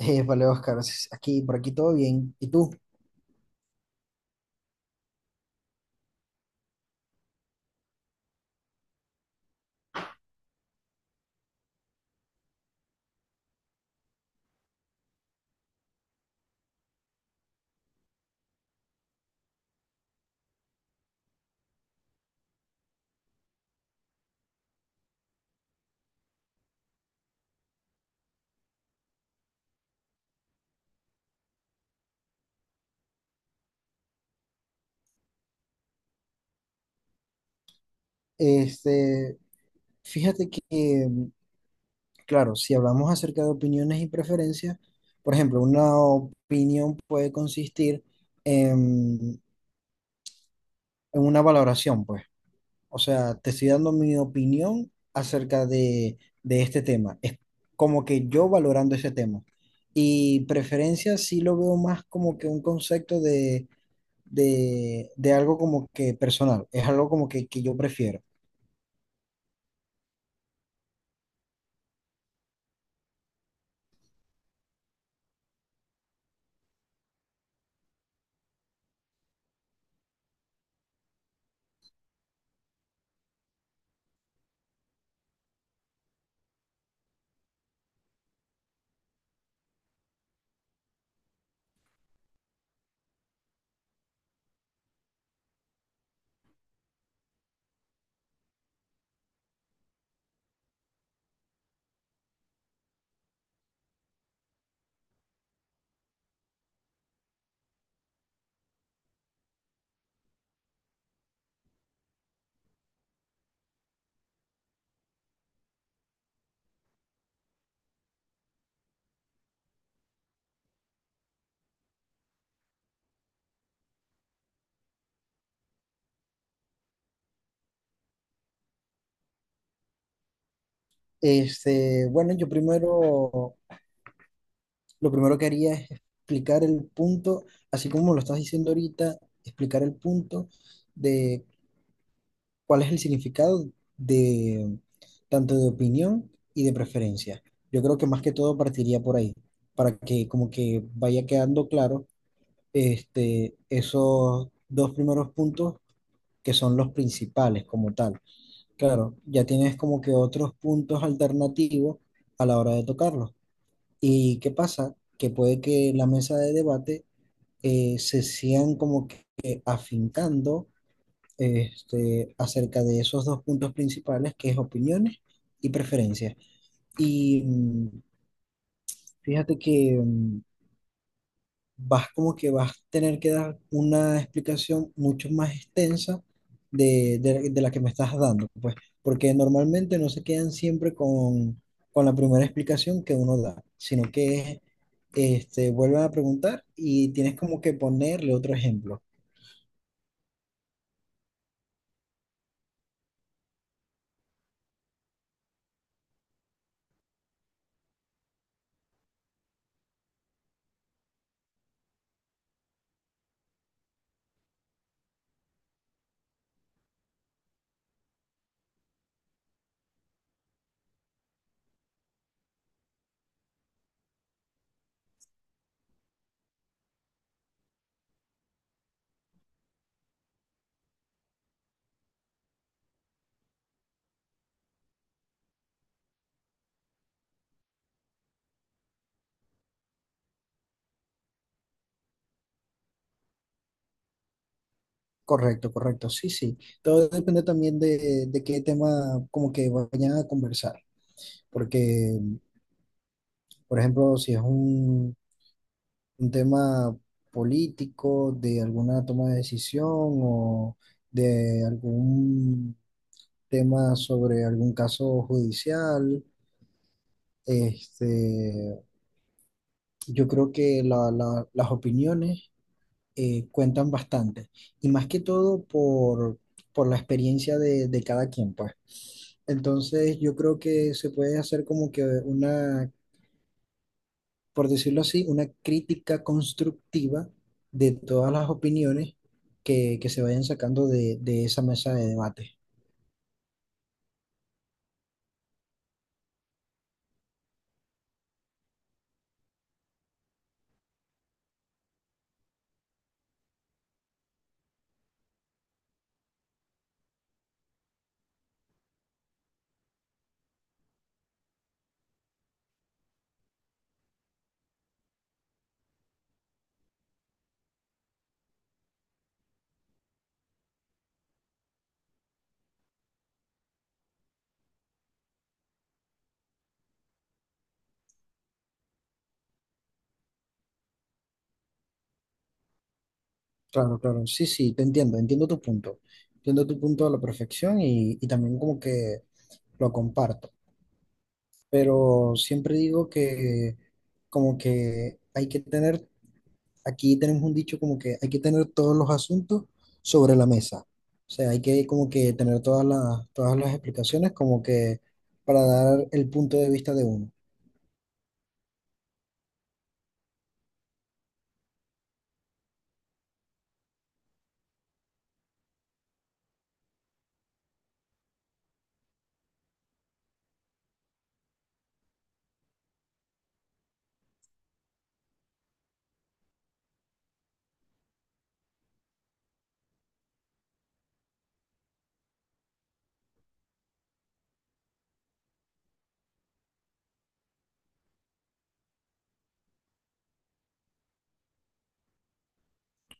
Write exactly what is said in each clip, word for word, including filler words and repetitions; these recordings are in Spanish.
Eh, vale, Oscar, s- aquí, por aquí todo bien. ¿Y tú? Este, fíjate que, claro, si hablamos acerca de opiniones y preferencias, por ejemplo, una opinión puede consistir en, en una valoración, pues. O sea, te estoy dando mi opinión acerca de, de este tema. Es como que yo valorando ese tema. Y preferencia sí lo veo más como que un concepto de, de, de algo como que personal. Es algo como que, que yo prefiero. Este, bueno, yo primero, lo primero que haría es explicar el punto, así como lo estás diciendo ahorita, explicar el punto de cuál es el significado de tanto de opinión y de preferencia. Yo creo que más que todo partiría por ahí, para que como que vaya quedando claro este, esos dos primeros puntos que son los principales como tal. Claro, ya tienes como que otros puntos alternativos a la hora de tocarlos. ¿Y qué pasa? Que puede que la mesa de debate eh, se sigan como que afincando este, acerca de esos dos puntos principales, que es opiniones y preferencias. Y mm, fíjate que mm, vas como que vas a tener que dar una explicación mucho más extensa de, de- de la que me estás dando, pues, porque normalmente no se quedan siempre con, con la primera explicación que uno da, sino que este, vuelven a preguntar y tienes como que ponerle otro ejemplo. Correcto, correcto, sí, sí. Todo depende también de, de qué tema como que vayan a conversar, porque, por ejemplo, si es un tema político, de alguna toma de decisión o de algún tema sobre algún caso judicial. Este, yo creo que la- la- las opiniones eh, cuentan bastante y más que todo por, por la experiencia de, de cada quien, pues. Entonces yo creo que se puede hacer como que una por decirlo así, una crítica constructiva de todas las opiniones que, que se vayan sacando de, de esa mesa de debate. Claro, claro, sí, sí, te entiendo, entiendo tu punto, entiendo tu punto a la perfección y, y también como que lo comparto, pero siempre digo que como que hay que tener aquí tenemos un dicho como que hay que tener todos los asuntos sobre la mesa. O sea, hay que como que tener todas las, todas las explicaciones como que para dar el punto de vista de uno.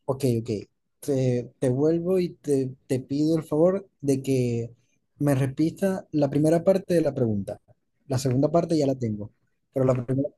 Ok, ok. Te, te vuelvo y te, te pido el favor de que me repita la primera parte de la pregunta. La segunda parte ya la tengo. Pero la primera,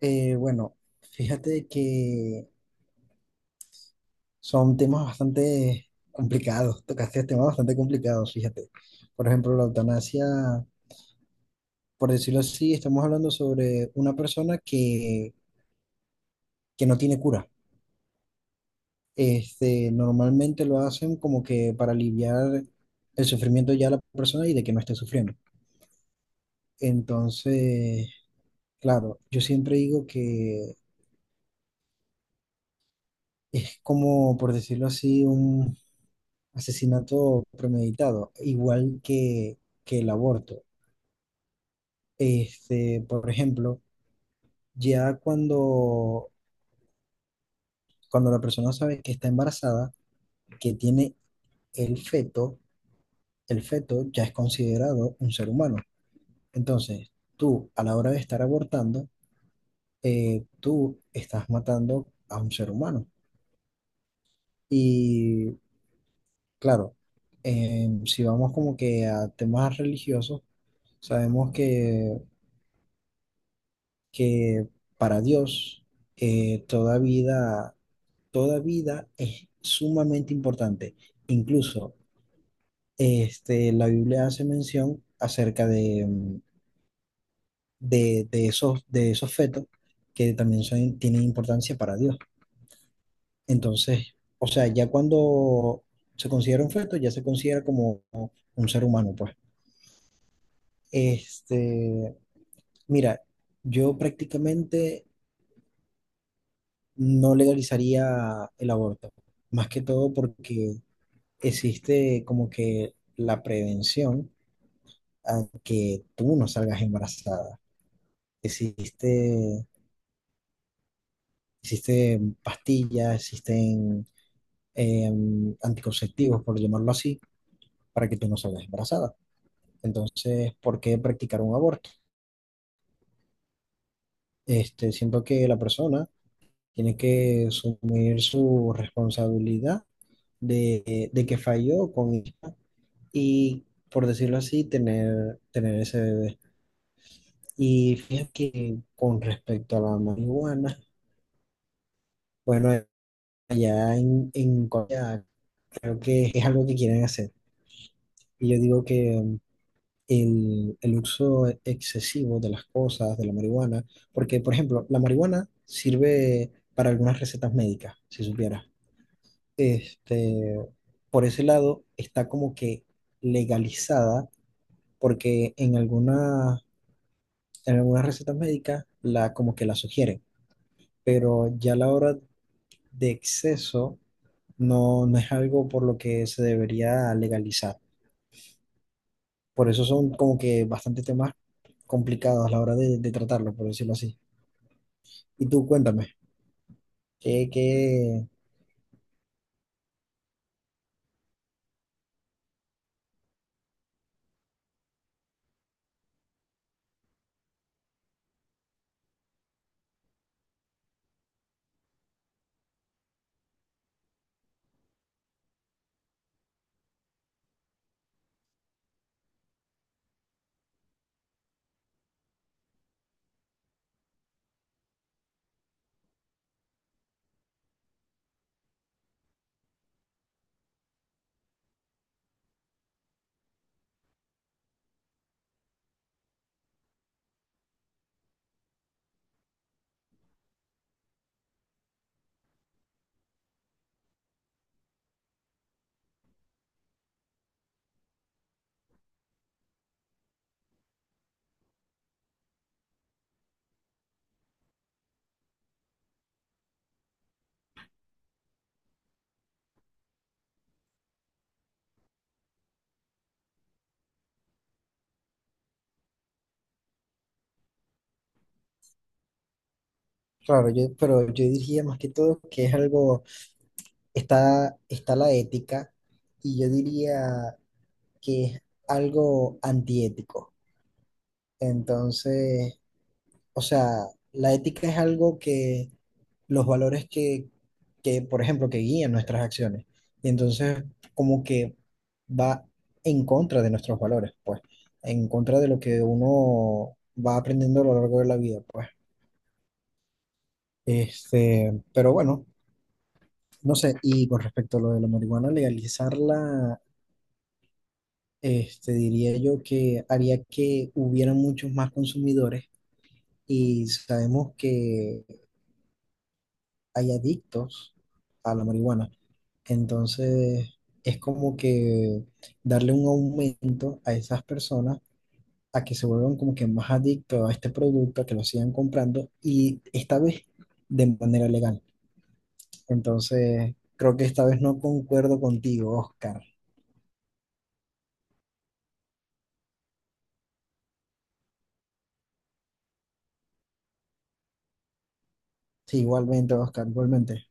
eh, bueno, fíjate que son temas bastante complicados, tocaste temas bastante complicados, fíjate. Por ejemplo, la eutanasia, por decirlo así, estamos hablando sobre una persona que, que no tiene cura. Este, normalmente lo hacen como que para aliviar el sufrimiento ya de la persona y de que no esté sufriendo. Entonces, claro, yo siempre digo que es como, por decirlo así, un asesinato premeditado, igual que, que el aborto. Este, por ejemplo, ya cuando, cuando la persona sabe que está embarazada, que tiene el feto, el feto ya es considerado un ser humano. Entonces, tú a la hora de estar abortando, eh, tú estás matando a un ser humano. Y claro, eh, si vamos como que a temas religiosos, sabemos que, que para Dios eh, toda vida, toda vida es sumamente importante. Incluso este, la Biblia hace mención acerca de, mm, de, de esos, de esos fetos que también son, tienen importancia para Dios. Entonces, o sea, ya cuando se considera un feto, ya se considera como un ser humano, pues. Este, mira, yo prácticamente no legalizaría el aborto, más que todo porque existe como que la prevención a que tú no salgas embarazada existe. Existen pastillas, existen eh, anticonceptivos, por llamarlo así, para que tú no salgas embarazada. Entonces, ¿por qué practicar un aborto? Este, siento que la persona tiene que asumir su responsabilidad de, de que falló con ella y, por decirlo así, tener, tener ese bebé. Y fíjate que con respecto a la marihuana, bueno, allá en, en Corea creo que es algo que quieren hacer. Y yo digo que mm, el, el uso excesivo de las cosas, de la marihuana, porque, por ejemplo, la marihuana sirve para algunas recetas médicas, si supieras. Este, por ese lado, está como que legalizada, porque en algunas, en algunas recetas médicas la, como que la sugieren, pero ya a la hora de exceso no, no es algo por lo que se debería legalizar. Por eso son como que bastante temas complicados a la hora de de tratarlo, por decirlo así. Y tú cuéntame, que, que, claro, yo, pero yo diría más que todo que es algo, está, está la ética y yo diría que es algo antiético. Entonces, o sea, la ética es algo que, los valores que, que, por ejemplo, que guían nuestras acciones. Y entonces, como que va en contra de nuestros valores, pues, en contra de lo que uno va aprendiendo a lo largo de la vida, pues. Este, pero bueno, no sé, y con respecto a lo de la marihuana, legalizarla, este, diría yo que haría que hubiera muchos más consumidores y sabemos que hay adictos a la marihuana. Entonces, es como que darle un aumento a esas personas a que se vuelvan como que más adictos a este producto, a que lo sigan comprando y esta vez de manera legal. Entonces, creo que esta vez no concuerdo contigo, Oscar. Sí, igualmente, Oscar, igualmente.